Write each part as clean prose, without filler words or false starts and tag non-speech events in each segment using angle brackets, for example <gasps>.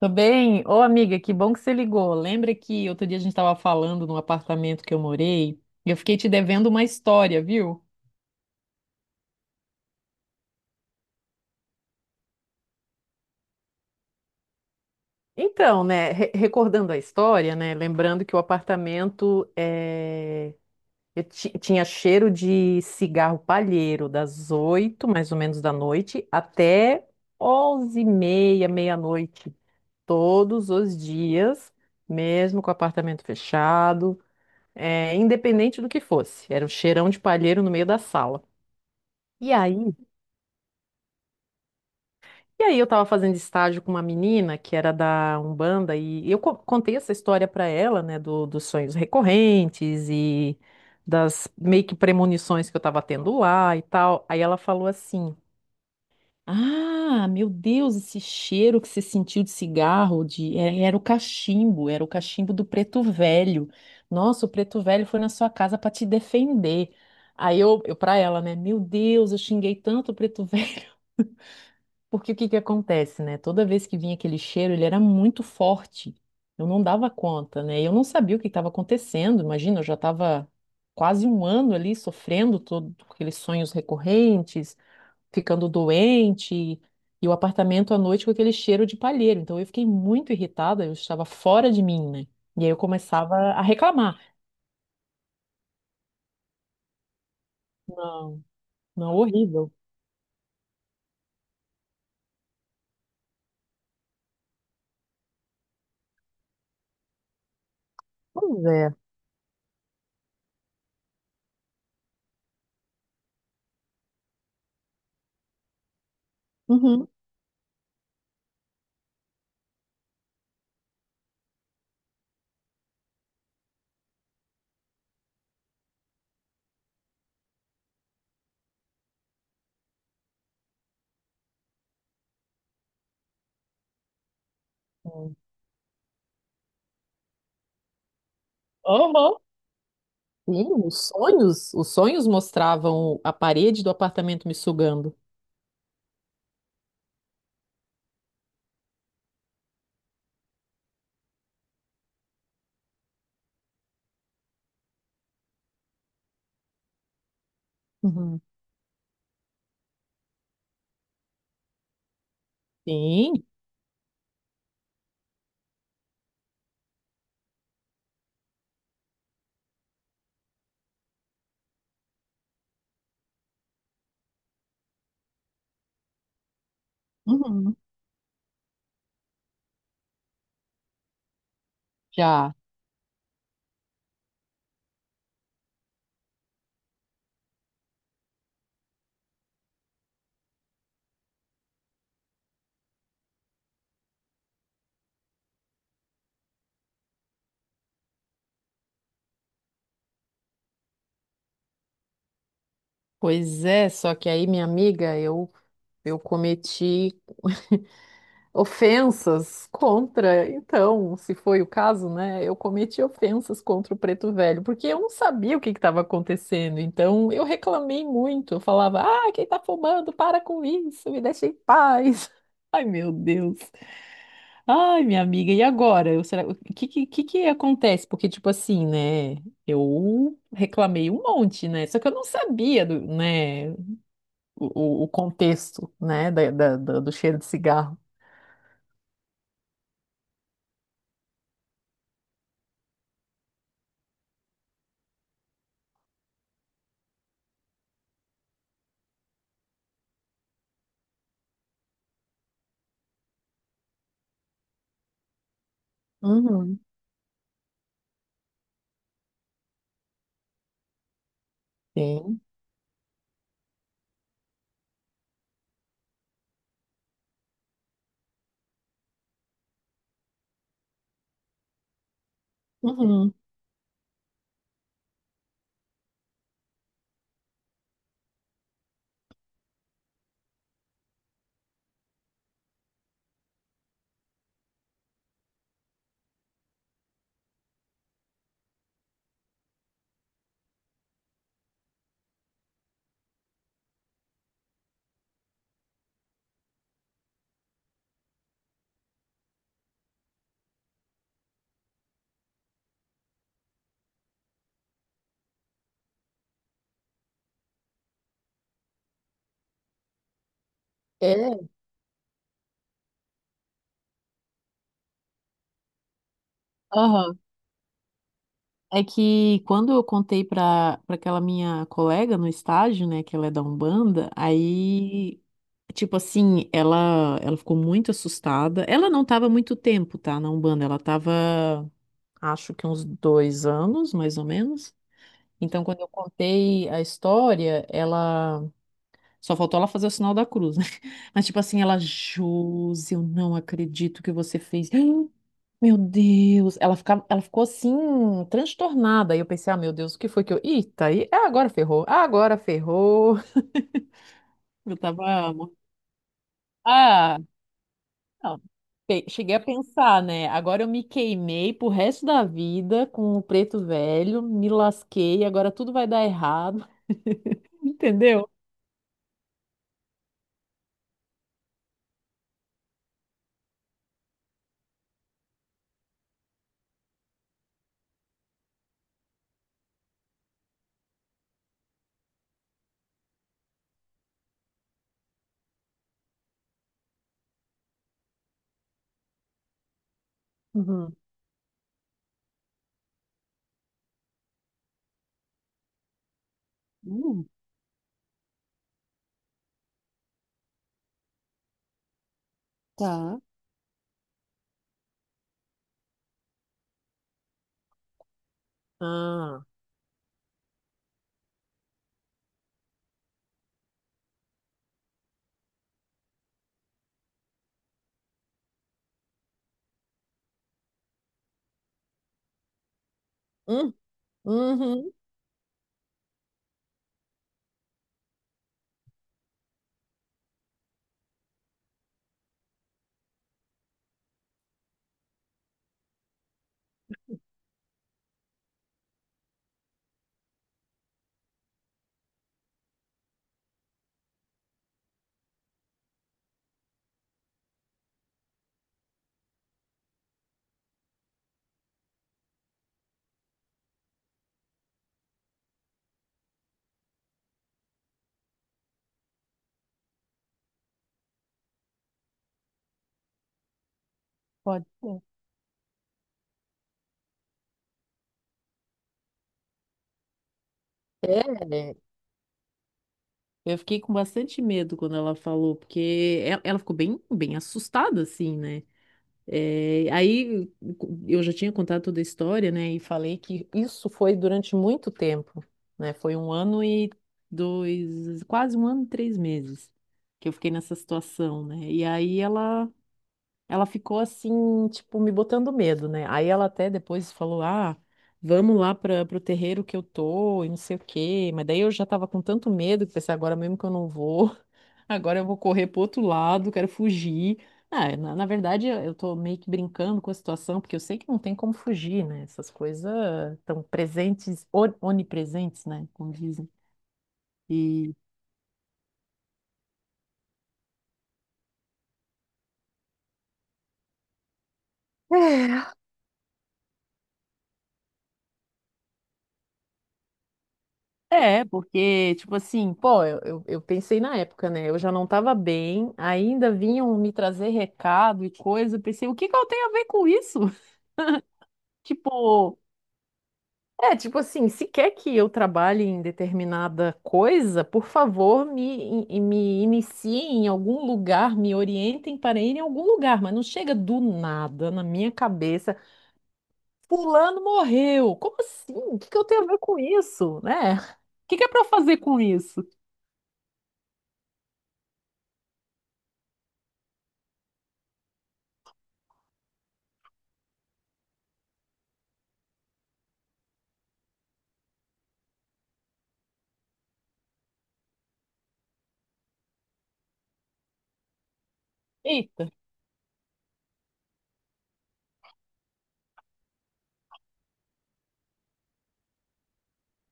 Tudo bem? Ô, amiga, que bom que você ligou. Lembra que outro dia a gente estava falando no apartamento que eu morei? E eu fiquei te devendo uma história, viu? Então, né, recordando a história, né, lembrando que o apartamento eu tinha cheiro de cigarro palheiro das 8, mais ou menos, da noite até 11h30, meia-noite, todos os dias, mesmo com o apartamento fechado. É, independente do que fosse. Era um cheirão de palheiro no meio da sala. E aí? E aí eu tava fazendo estágio com uma menina que era da Umbanda e eu contei essa história para ela, né, dos sonhos recorrentes e das meio que premonições que eu tava tendo lá e tal. Aí ela falou assim: "Ah, meu Deus, esse cheiro que você sentiu de cigarro, de era, era o cachimbo do preto velho. Nossa, o preto velho foi na sua casa para te defender." Aí eu para ela, né? Meu Deus, eu xinguei tanto o preto <laughs> velho. Porque o que que acontece, né? Toda vez que vinha aquele cheiro, ele era muito forte. Eu não dava conta, né? Eu não sabia o que estava acontecendo. Imagina, eu já estava quase um ano ali sofrendo todo aqueles sonhos recorrentes, ficando doente, e o apartamento à noite com aquele cheiro de palheiro. Então eu fiquei muito irritada, eu estava fora de mim, né? E aí eu começava a reclamar. Não, não, horrível. Pois é. Uhum. Uhum. Aham. Sim, os sonhos mostravam a parede do apartamento me sugando. Uhum. Sim. Uhum. Já. Pois é, só que aí, minha amiga, eu cometi ofensas contra, então, se foi o caso, né? Eu cometi ofensas contra o Preto Velho, porque eu não sabia o que estava acontecendo. Então, eu reclamei muito. Eu falava: "Ah, quem tá fumando? Para com isso, me deixa em paz." <laughs> Ai, meu Deus. Ai, minha amiga, e agora? Eu, será, o que que acontece? Porque, tipo assim, né? Eu reclamei um monte, né? Só que eu não sabia né, o, o contexto, né, do cheiro de cigarro. Uhum. Sim. Uhum. É. Aham. É que quando eu contei para aquela minha colega no estágio, né, que ela é da Umbanda, aí, tipo assim, ela ficou muito assustada. Ela não tava muito tempo, tá, na Umbanda, ela tava, acho que uns 2 anos, mais ou menos. Então, quando eu contei a história, ela só faltou ela fazer o sinal da cruz, né? <laughs> Mas tipo assim, ela, Josi, eu não acredito que você fez. <gasps> Meu Deus, ela ficou assim, transtornada. E eu pensei, ah, meu Deus, o que foi que eu. Eita, aí, ah, agora ferrou, ah, agora ferrou. <laughs> Eu tava. Ah, não. Cheguei a pensar, né? Agora eu me queimei pro resto da vida com o preto velho, me lasquei, agora tudo vai dar errado, <laughs> entendeu? Uhum. Hum, tá. Ah. Hum, uhum. Pode ser. É. Eu fiquei com bastante medo quando ela falou, porque ela ficou bem, bem assustada, assim, né? É, aí eu já tinha contado toda a história, né? E falei que isso foi durante muito tempo, né? Foi quase um ano e 3 meses que eu fiquei nessa situação, né? E aí ela, ficou assim, tipo, me botando medo, né? Aí ela até depois falou, ah, vamos lá para o terreiro que eu tô e não sei o quê. Mas daí eu já tava com tanto medo que pensei, agora mesmo que eu não vou. Agora eu vou correr pro outro lado, quero fugir. Ah, na verdade, eu tô meio que brincando com a situação, porque eu sei que não tem como fugir, né? Essas coisas estão presentes, onipresentes, né? Como dizem. E é. É, porque, tipo assim, pô, eu pensei na época, né? Eu já não tava bem, ainda vinham me trazer recado e coisa. Eu pensei, o que que eu tenho a ver com isso? <laughs> Tipo. É, tipo assim, se quer que eu trabalhe em determinada coisa, por favor, me iniciem em algum lugar, me orientem para ir em algum lugar, mas não chega do nada na minha cabeça. Fulano morreu. Como assim? O que que eu tenho a ver com isso, né? O que que é para fazer com isso? Eita.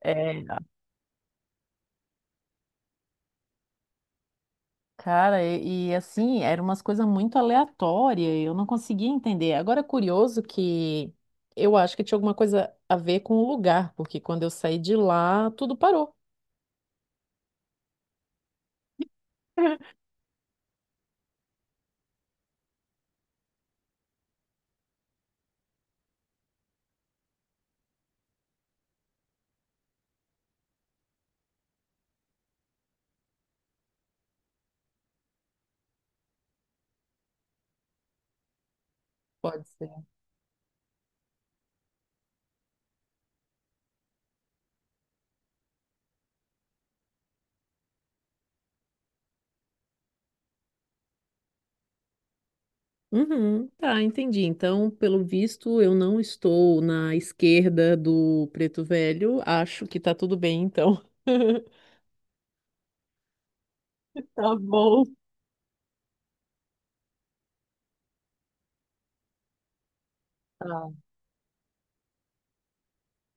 É. Cara, assim, eram umas coisas muito aleatórias, eu não conseguia entender. Agora, é curioso que eu acho que tinha alguma coisa a ver com o lugar, porque quando eu saí de lá, tudo parou. Pode ser. Uhum, tá, entendi. Então, pelo visto, eu não estou na esquerda do Preto Velho. Acho que tá tudo bem, então. <laughs> Tá bom. Tá,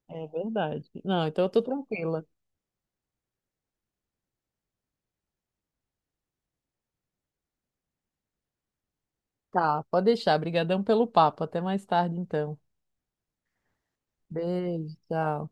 é verdade. Não, então eu tô tranquila. Tá, pode deixar. Obrigadão pelo papo. Até mais tarde, então. Beijo, tchau.